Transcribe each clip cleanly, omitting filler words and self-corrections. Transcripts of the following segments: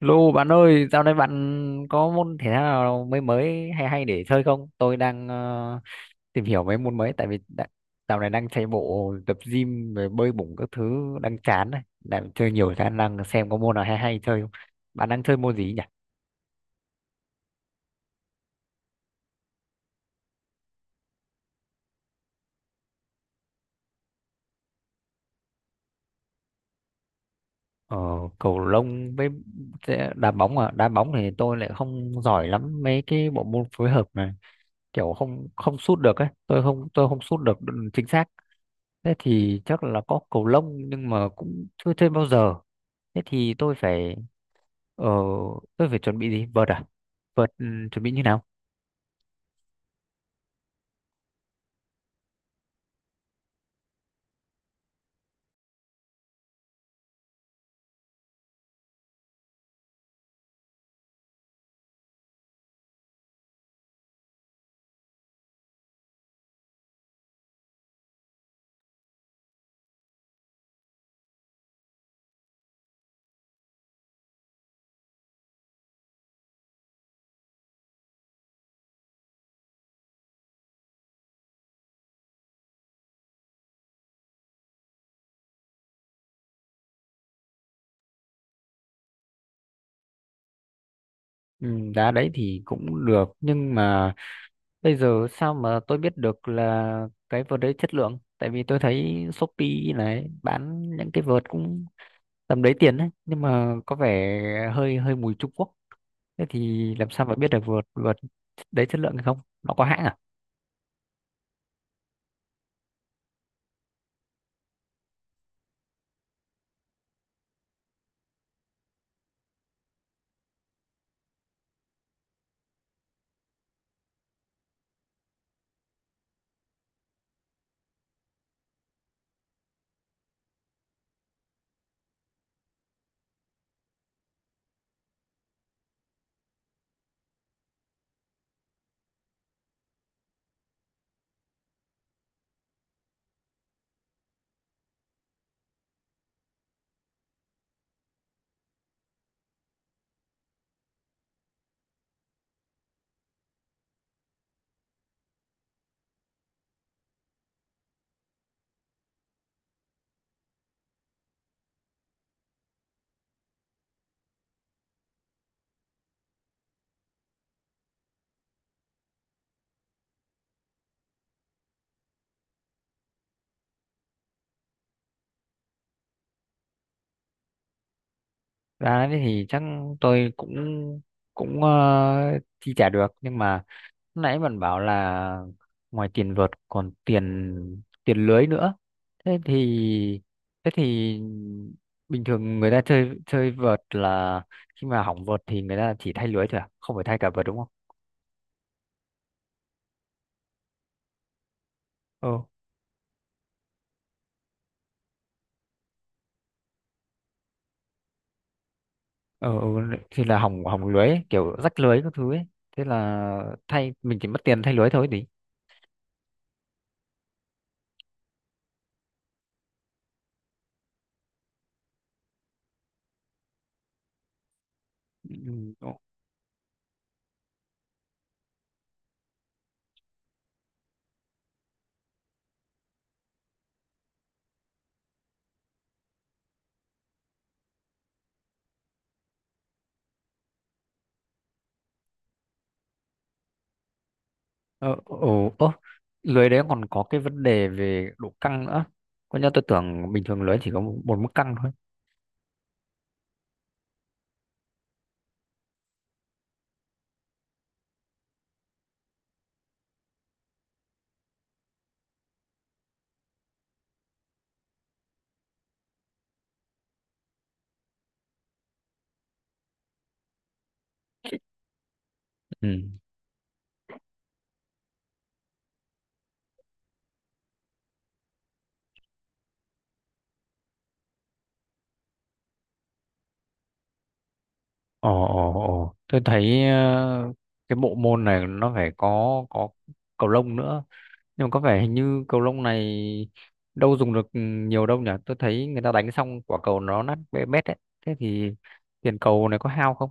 Lô bạn ơi, dạo này bạn có môn thể thao nào mới mới hay hay để chơi không? Tôi đang tìm hiểu mấy môn mới tại vì đã, dạo này đang chạy bộ, tập gym rồi bơi bổng các thứ đang chán này, đang chơi nhiều khả năng xem có môn nào hay hay chơi không. Bạn đang chơi môn gì nhỉ? Ờ, cầu lông với đá bóng à? Đá bóng thì tôi lại không giỏi lắm mấy cái bộ môn phối hợp này, kiểu không không sút được ấy, tôi không sút được chính xác. Thế thì chắc là có cầu lông nhưng mà cũng chưa chơi bao giờ. Thế thì ờ, tôi phải chuẩn bị gì? Vợt à? Vợt chuẩn bị như nào? Ừ, đá đấy thì cũng được nhưng mà bây giờ sao mà tôi biết được là cái vợt đấy chất lượng? Tại vì tôi thấy Shopee này bán những cái vợt cũng tầm đấy tiền đấy nhưng mà có vẻ hơi hơi mùi Trung Quốc. Thế thì làm sao mà biết được vợt vợt đấy chất lượng hay không? Nó có hãng à? Ra thế thì chắc tôi cũng cũng chi trả được nhưng mà nãy bạn bảo là ngoài tiền vợt còn tiền tiền lưới nữa, thế thì thế thì bình thường người ta chơi chơi vợt là khi mà hỏng vợt thì người ta chỉ thay lưới thôi à, không phải thay cả vợt đúng không? Ừ ừ, ừ thì là hỏng hỏng lưới ấy, kiểu rách lưới các thứ ấy, thế là thay mình chỉ mất tiền thay lưới thôi thì. Ừ, ừ, ừ, ừ. Lưới đấy còn có cái vấn đề về độ căng nữa, có nhớ tôi tưởng bình thường lưới chỉ có một mức căng thôi. Ừ. Ồ, ồ, ồ. Tôi thấy cái bộ môn này nó phải có cầu lông nữa. Nhưng mà có vẻ hình như cầu lông này đâu dùng được nhiều đâu nhỉ? Tôi thấy người ta đánh xong quả cầu nó nát bét bét đấy. Thế thì tiền cầu này có hao không?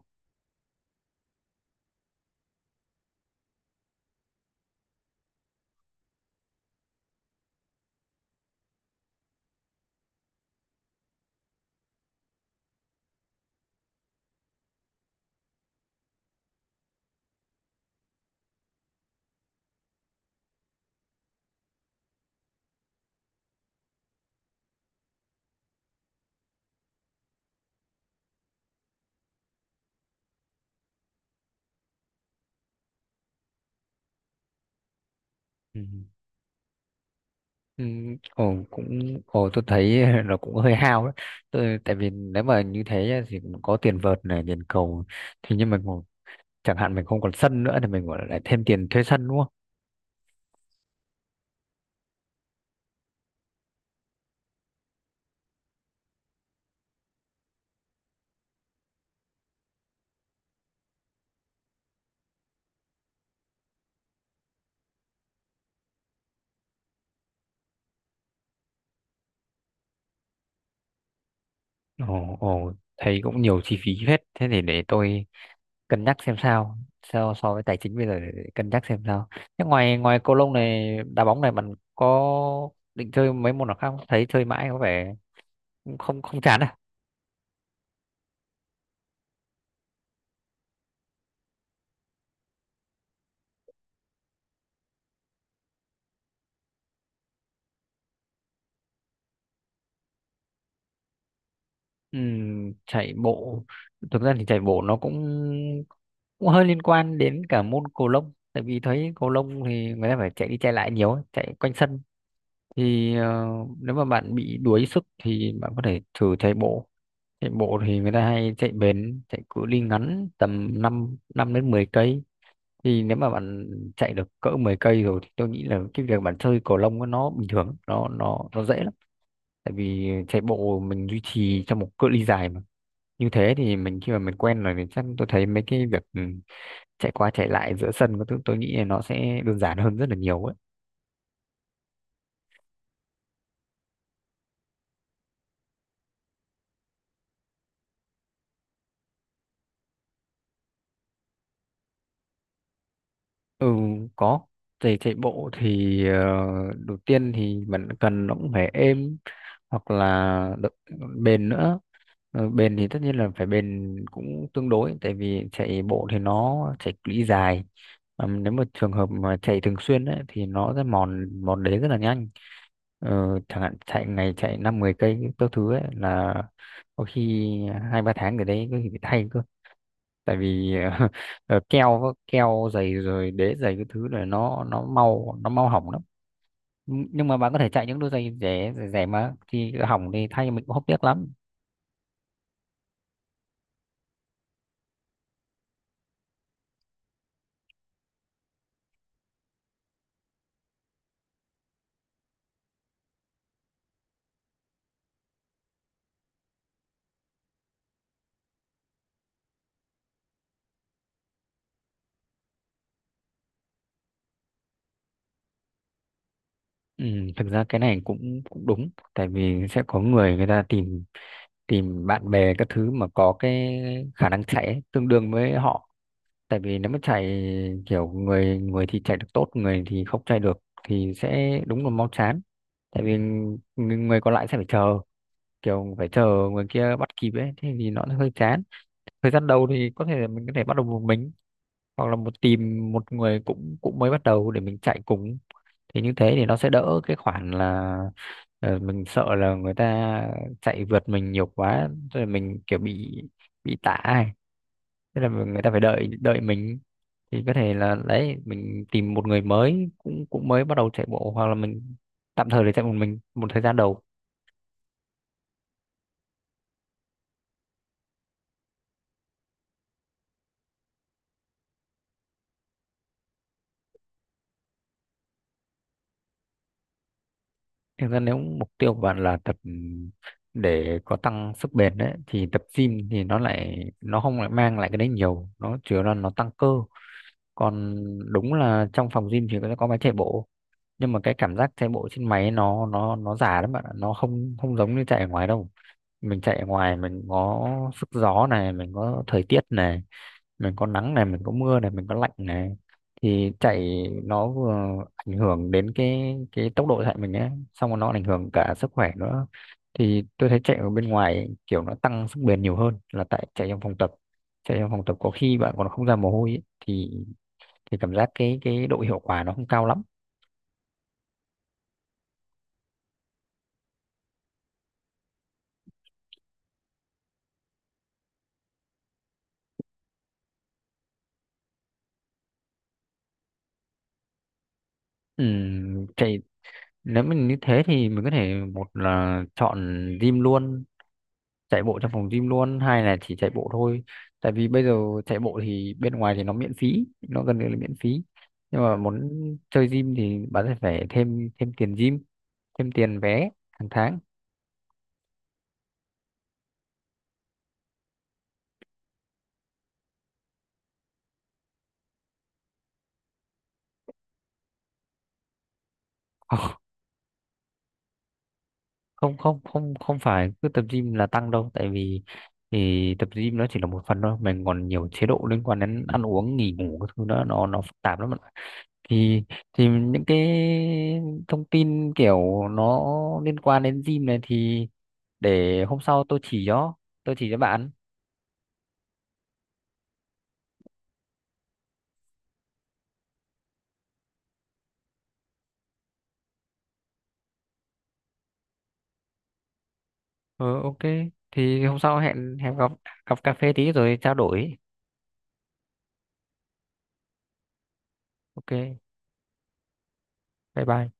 Ừ. Ừ, ồ, cũng ồ tôi thấy nó cũng hơi hao đấy. Tôi tại vì nếu mà như thế á, thì cũng có tiền vợt này, tiền cầu thì nhưng mà chẳng hạn mình không còn sân nữa thì mình gọi là lại thêm tiền thuê sân đúng không? Ồ, ồ, thấy cũng nhiều chi phí phết. Thế thì để tôi cân nhắc xem sao. So với tài chính bây giờ để cân nhắc xem sao. Thế ngoài ngoài cầu lông này, đá bóng này bạn có định chơi mấy môn nào khác không? Thấy chơi mãi có vẻ cũng không không chán à. Chạy bộ. Thực ra thì chạy bộ nó cũng cũng hơi liên quan đến cả môn cầu lông. Tại vì thấy cầu lông thì người ta phải chạy đi chạy lại nhiều, ấy, chạy quanh sân. Thì nếu mà bạn bị đuối sức thì bạn có thể thử chạy bộ. Chạy bộ thì người ta hay chạy bền chạy cự ly ngắn tầm 5 năm đến 10 cây, thì nếu mà bạn chạy được cỡ 10 cây rồi thì tôi nghĩ là cái việc bạn chơi cầu lông nó bình thường nó dễ lắm, tại vì chạy bộ mình duy trì trong một cự ly dài mà, như thế thì mình khi mà mình quen rồi thì chắc tôi thấy mấy cái việc chạy qua chạy lại giữa sân có thứ tôi nghĩ là nó sẽ đơn giản hơn rất là nhiều ấy. Ừ, có. Chạy chạy bộ thì đầu tiên thì bạn cần nó cũng phải êm hoặc là bền nữa. Ờ, bền thì tất nhiên là phải bền cũng tương đối tại vì chạy bộ thì nó chạy cự ly dài. Ờ, nếu mà trường hợp mà chạy thường xuyên ấy, thì nó sẽ mòn mòn đế rất là nhanh. Ờ, chẳng hạn chạy ngày chạy năm mười cây các thứ ấy là có khi hai ba tháng rồi đấy có khi phải thay cơ, tại vì keo keo dày rồi đế dày cái thứ này nó mau hỏng lắm, nhưng mà bạn có thể chạy những đôi giày rẻ rẻ, rẻ mà thì hỏng thì thay mình cũng hốc tiếc lắm. Ừ, thực ra cái này cũng cũng đúng tại vì sẽ có người người ta tìm tìm bạn bè các thứ mà có cái khả năng chạy ấy, tương đương với họ, tại vì nếu mà chạy kiểu người người thì chạy được tốt người thì không chạy được thì sẽ đúng là mau chán, tại vì người người còn lại sẽ phải chờ, kiểu phải chờ người kia bắt kịp ấy thế thì nó hơi chán. Thời gian đầu thì có thể là mình có thể bắt đầu một mình hoặc là tìm một người cũng cũng mới bắt đầu để mình chạy cùng, thì như thế thì nó sẽ đỡ cái khoản là mình sợ là người ta chạy vượt mình nhiều quá rồi mình kiểu bị tả ấy. Thế là người ta phải đợi đợi mình, thì có thể là đấy mình tìm một người mới cũng cũng mới bắt đầu chạy bộ hoặc là mình tạm thời để chạy một mình một thời gian đầu. Thực ra nếu mục tiêu của bạn là tập để có tăng sức bền đấy thì tập gym thì nó lại nó không lại mang lại cái đấy nhiều, nó chủ yếu là nó tăng cơ, còn đúng là trong phòng gym thì nó có máy chạy bộ nhưng mà cái cảm giác chạy bộ trên máy nó giả lắm bạn ạ, nó không không giống như chạy ở ngoài đâu. Mình chạy ở ngoài mình có sức gió này, mình có thời tiết này, mình có nắng này, mình có mưa này, mình có lạnh này, thì chạy nó vừa ảnh hưởng đến cái tốc độ chạy mình ấy xong rồi nó ảnh hưởng cả sức khỏe nữa, thì tôi thấy chạy ở bên ngoài kiểu nó tăng sức bền nhiều hơn là tại chạy trong phòng tập. Chạy trong phòng tập có khi bạn còn không ra mồ hôi ấy, thì cảm giác cái độ hiệu quả nó không cao lắm. Chạy nếu mình như thế thì mình có thể một là chọn gym luôn, chạy bộ trong phòng gym luôn hay là chỉ chạy bộ thôi, tại vì bây giờ chạy bộ thì bên ngoài thì nó miễn phí, nó gần như là miễn phí, nhưng mà muốn chơi gym thì bạn sẽ phải thêm thêm tiền gym, thêm tiền vé hàng tháng. Không, không, không, không phải cứ tập gym là tăng đâu, tại vì thì tập gym nó chỉ là một phần thôi, mình còn nhiều chế độ liên quan đến ăn uống nghỉ ngủ, cái thứ đó nó phức tạp lắm bạn ạ. thì thì những cái thông tin kiểu nó liên quan đến gym này thì để hôm sau tôi chỉ cho bạn. Ừ, ok, thì hôm sau hẹn hẹn gặp gặp cà phê tí rồi trao đổi. Ok, bye bye.